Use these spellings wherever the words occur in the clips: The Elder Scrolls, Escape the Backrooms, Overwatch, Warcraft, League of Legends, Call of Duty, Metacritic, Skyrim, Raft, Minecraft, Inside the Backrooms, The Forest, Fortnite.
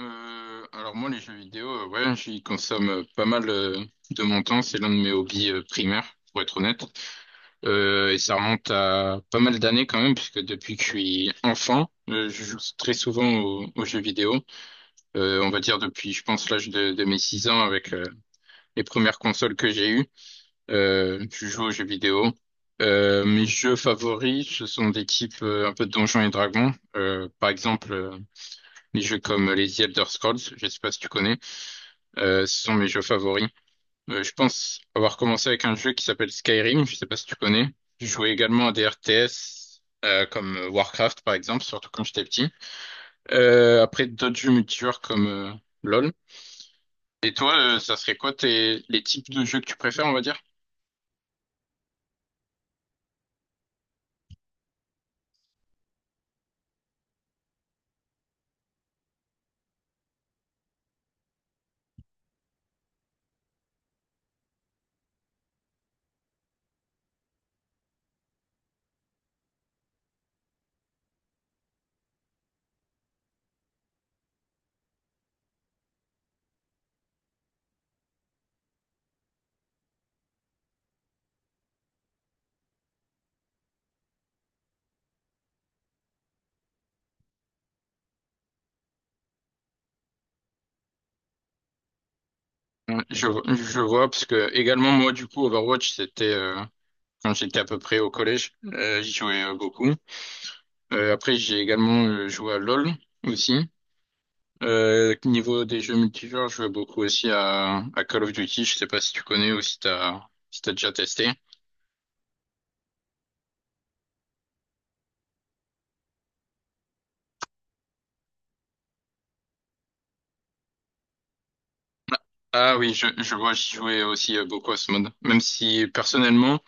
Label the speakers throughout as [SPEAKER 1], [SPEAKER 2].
[SPEAKER 1] Alors moi les jeux vidéo, ouais, j'y consomme pas mal de mon temps. C'est l'un de mes hobbies primaires, pour être honnête. Et ça remonte à pas mal d'années quand même, puisque depuis que je suis enfant, je joue très souvent aux jeux vidéo. On va dire depuis, je pense, l'âge de mes 6 ans avec les premières consoles que j'ai eues. Je joue aux jeux vidéo. Mes jeux favoris, ce sont des types un peu de Donjons et Dragons. Par exemple, les jeux comme les The Elder Scrolls. Je sais pas si tu connais. Ce sont mes jeux favoris. Je pense avoir commencé avec un jeu qui s'appelle Skyrim, je sais pas si tu connais. Je jouais également à des RTS comme Warcraft par exemple, surtout quand j'étais petit. Après d'autres jeux multijoueurs comme LoL. Et toi, ça serait quoi les types de jeux que tu préfères, on va dire? Euh, Je, je vois, parce que également moi du coup Overwatch c'était quand j'étais à peu près au collège, j'y jouais beaucoup. Après j'ai également joué à LoL aussi. Niveau des jeux multijoueurs, je joue beaucoup aussi à Call of Duty. Je sais pas si tu connais ou si t'as déjà testé. Ah oui, je vois, j'y jouais aussi beaucoup à ce mode. Même si personnellement,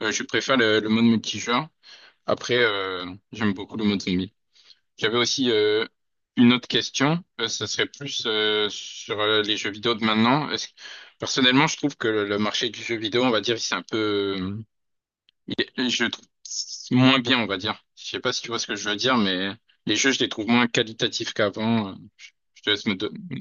[SPEAKER 1] je préfère le mode multijoueur. Après, j'aime beaucoup le mode zombie. J'avais aussi une autre question. Ça serait plus sur les jeux vidéo de maintenant. Personnellement, je trouve que le marché du jeu vidéo, on va dire, il s'est un peu. Et je le trouve moins bien, on va dire. Je sais pas si tu vois ce que je veux dire, mais les jeux, je les trouve moins qualitatifs qu'avant. Je te laisse me donner.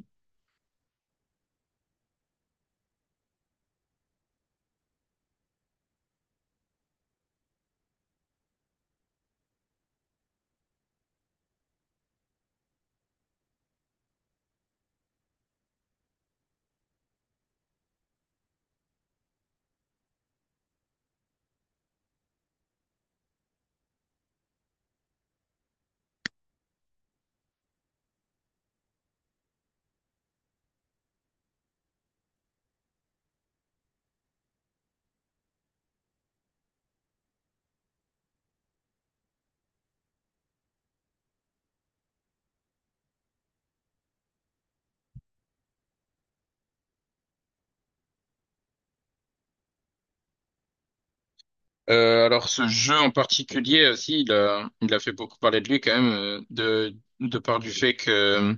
[SPEAKER 1] Alors, ce jeu en particulier aussi, il a fait beaucoup parler de lui quand même, de par du fait que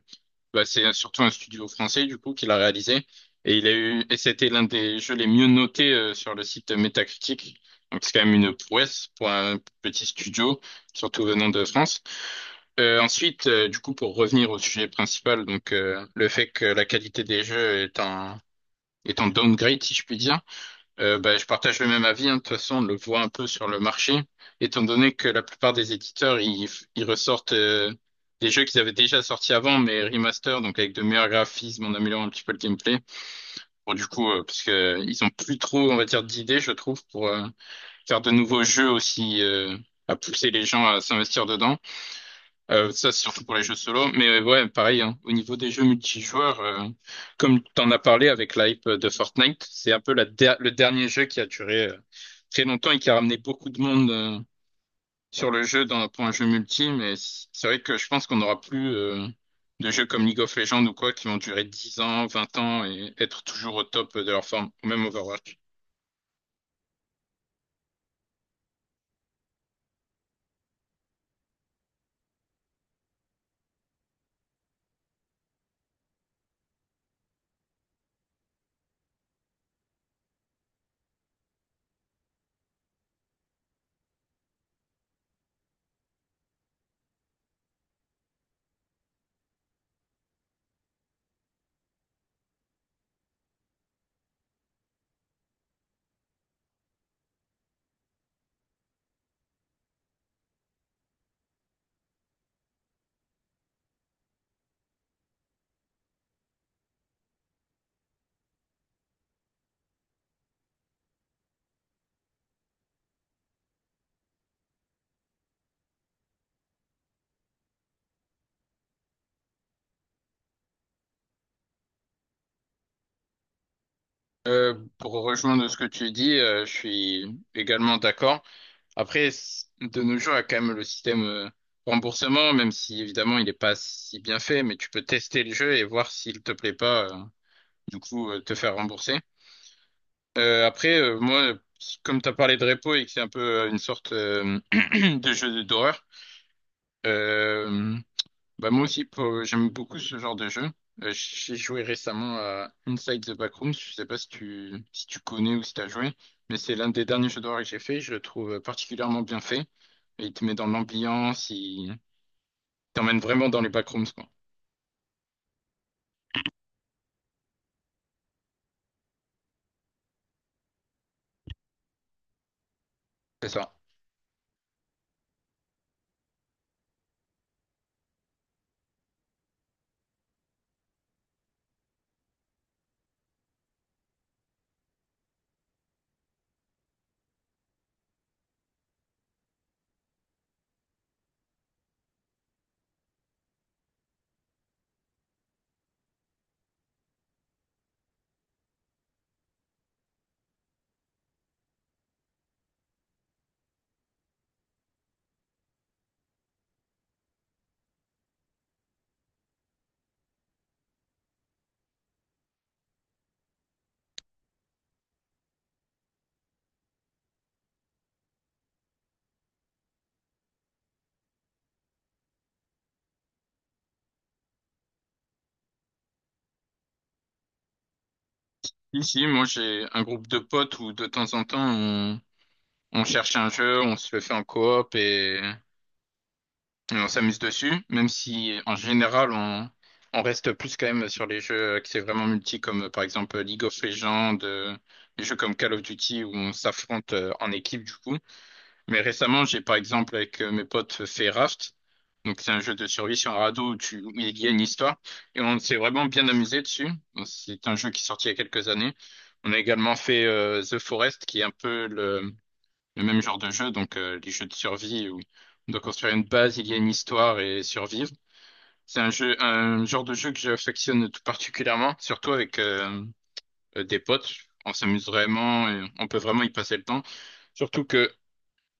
[SPEAKER 1] bah, c'est surtout un studio français du coup qui l'a réalisé. Et c'était l'un des jeux les mieux notés sur le site Metacritic. Donc c'est quand même une prouesse pour un petit studio, surtout venant de France. Ensuite, du coup, pour revenir au sujet principal, donc le fait que la qualité des jeux est en downgrade, si je puis dire, bah, je partage le même avis. Hein. De toute façon, on le voit un peu sur le marché, étant donné que la plupart des éditeurs ils ressortent des jeux qu'ils avaient déjà sortis avant, mais remaster, donc avec de meilleurs graphismes, en améliorant un petit peu le gameplay. Bon, du coup, parce que ils ont plus trop, on va dire, d'idées, je trouve, pour faire de nouveaux jeux aussi à pousser les gens à s'investir dedans. Ça, c'est surtout pour les jeux solo, mais ouais, pareil, hein. Au niveau des jeux multijoueurs, comme tu en as parlé avec l'hype de Fortnite, c'est un peu le dernier jeu qui a duré très longtemps et qui a ramené beaucoup de monde sur le jeu pour un jeu multi, mais c'est vrai que je pense qu'on n'aura plus de jeux comme League of Legends ou quoi qui vont durer 10 ans, 20 ans et être toujours au top de leur forme, ou même Overwatch. Pour rejoindre ce que tu dis, je suis également d'accord. Après, de nos jours, il y a quand même le système remboursement, même si évidemment il n'est pas si bien fait, mais tu peux tester le jeu et voir s'il te plaît pas, du coup, te faire rembourser. Après, moi, comme tu as parlé de repo et que c'est un peu une sorte de jeu d'horreur, euh, bah moi aussi, j'aime beaucoup ce genre de jeu. J'ai joué récemment à Inside the Backrooms, je sais pas si tu connais ou si tu as joué, mais c'est l'un des derniers jeux d'horreur que j'ai fait, je le trouve particulièrement bien fait. Il te met dans l'ambiance, il t'emmène vraiment dans les backrooms, quoi. C'est ça. Ici, moi, j'ai un groupe de potes où de temps en temps, on cherche un jeu, on se le fait en coop et on s'amuse dessus, même si en général, on reste plus quand même sur les jeux qui c'est vraiment multi, comme par exemple League of Legends, des jeux comme Call of Duty où on s'affronte en équipe, du coup. Mais récemment, j'ai par exemple avec mes potes fait Raft. Donc c'est un jeu de survie sur un radeau où il y a une histoire. Et on s'est vraiment bien amusé dessus. C'est un jeu qui est sorti il y a quelques années. On a également fait The Forest, qui est un peu le même genre de jeu. Donc les jeux de survie où on doit construire une base, il y a une histoire et survivre. C'est un genre de jeu que j'affectionne tout particulièrement, surtout avec des potes. On s'amuse vraiment et on peut vraiment y passer le temps. Surtout que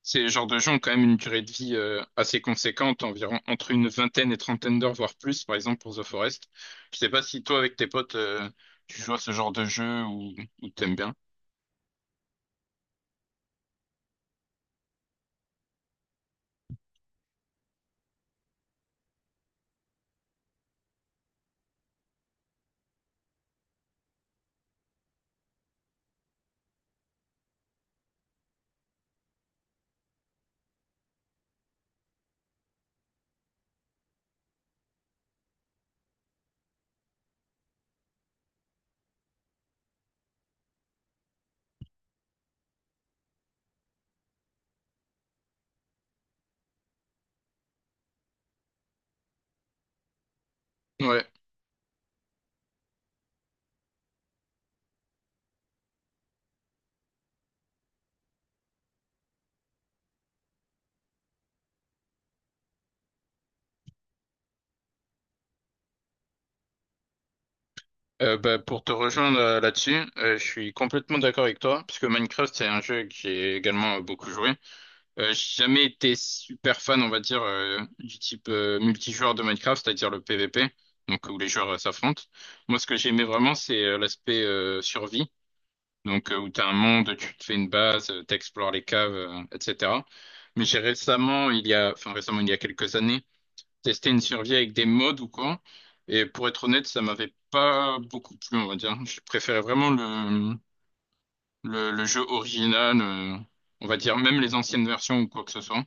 [SPEAKER 1] ces genres de jeux ont quand même une durée de vie assez conséquente, environ entre une vingtaine et trentaine d'heures, voire plus, par exemple pour The Forest. Je sais pas si toi, avec tes potes, tu joues à ce genre de jeu ou t'aimes bien. Ouais. Bah, pour te rejoindre là-dessus, je suis complètement d'accord avec toi, puisque Minecraft, c'est un jeu que j'ai également beaucoup joué. J'ai jamais été super fan, on va dire, du type multijoueur de Minecraft, c'est-à-dire le PVP, donc où les joueurs s'affrontent. Moi, ce que j'aimais vraiment, c'est l'aspect survie. Donc, où tu as un monde, tu te fais une base, tu explores les caves, etc. Mais j'ai récemment, enfin récemment, il y a quelques années, testé une survie avec des mods ou quoi. Et pour être honnête, ça m'avait pas beaucoup plu, on va dire. Je préférais vraiment le jeu original, on va dire, même les anciennes versions ou quoi que ce soit.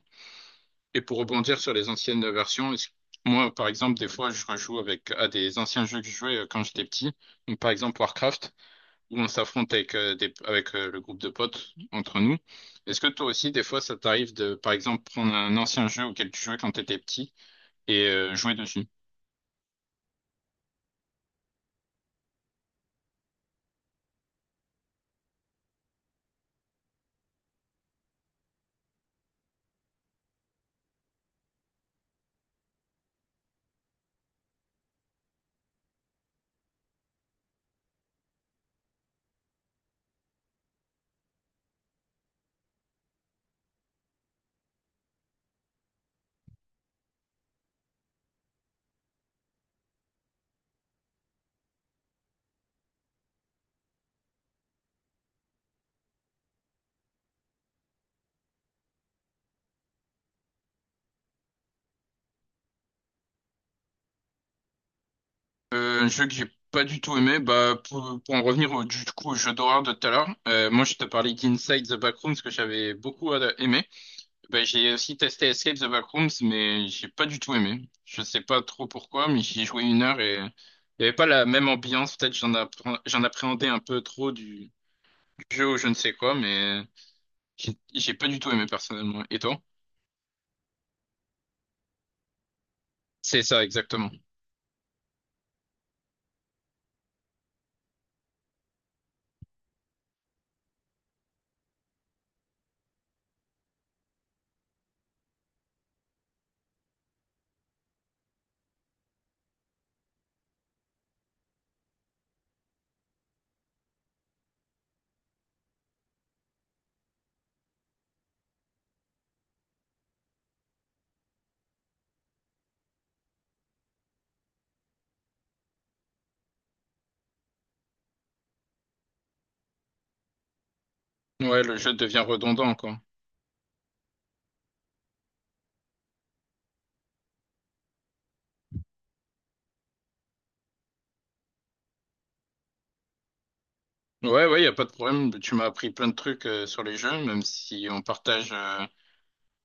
[SPEAKER 1] Et pour rebondir sur les anciennes versions, moi, par exemple, des fois, je rejoue avec à des anciens jeux que je jouais quand j'étais petit. Donc, par exemple, Warcraft où on s'affronte avec le groupe de potes entre nous. Est-ce que toi aussi, des fois, ça t'arrive de, par exemple, prendre un ancien jeu auquel tu jouais quand t'étais petit et jouer dessus? Un jeu que j'ai pas du tout aimé, bah, pour en revenir du coup, au jeu d'horreur de tout à l'heure, moi je te parlais d'Inside the Backrooms que j'avais beaucoup aimé. Bah, j'ai aussi testé Escape the Backrooms, mais j'ai pas du tout aimé. Je sais pas trop pourquoi, mais j'y ai joué une heure et il y avait pas la même ambiance. Peut-être j'en appréhendais un peu trop jeu ou je ne sais quoi, mais j'ai pas du tout aimé personnellement. Et toi? C'est ça, exactement. Ouais, le jeu devient redondant, quoi. Ouais, ouais, y a pas de problème. Tu m'as appris plein de trucs sur les jeux, même si on partage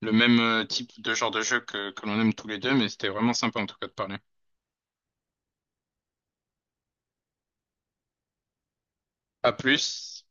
[SPEAKER 1] le même type de genre de jeu que l'on aime tous les deux, mais c'était vraiment sympa en tout cas de parler. À plus.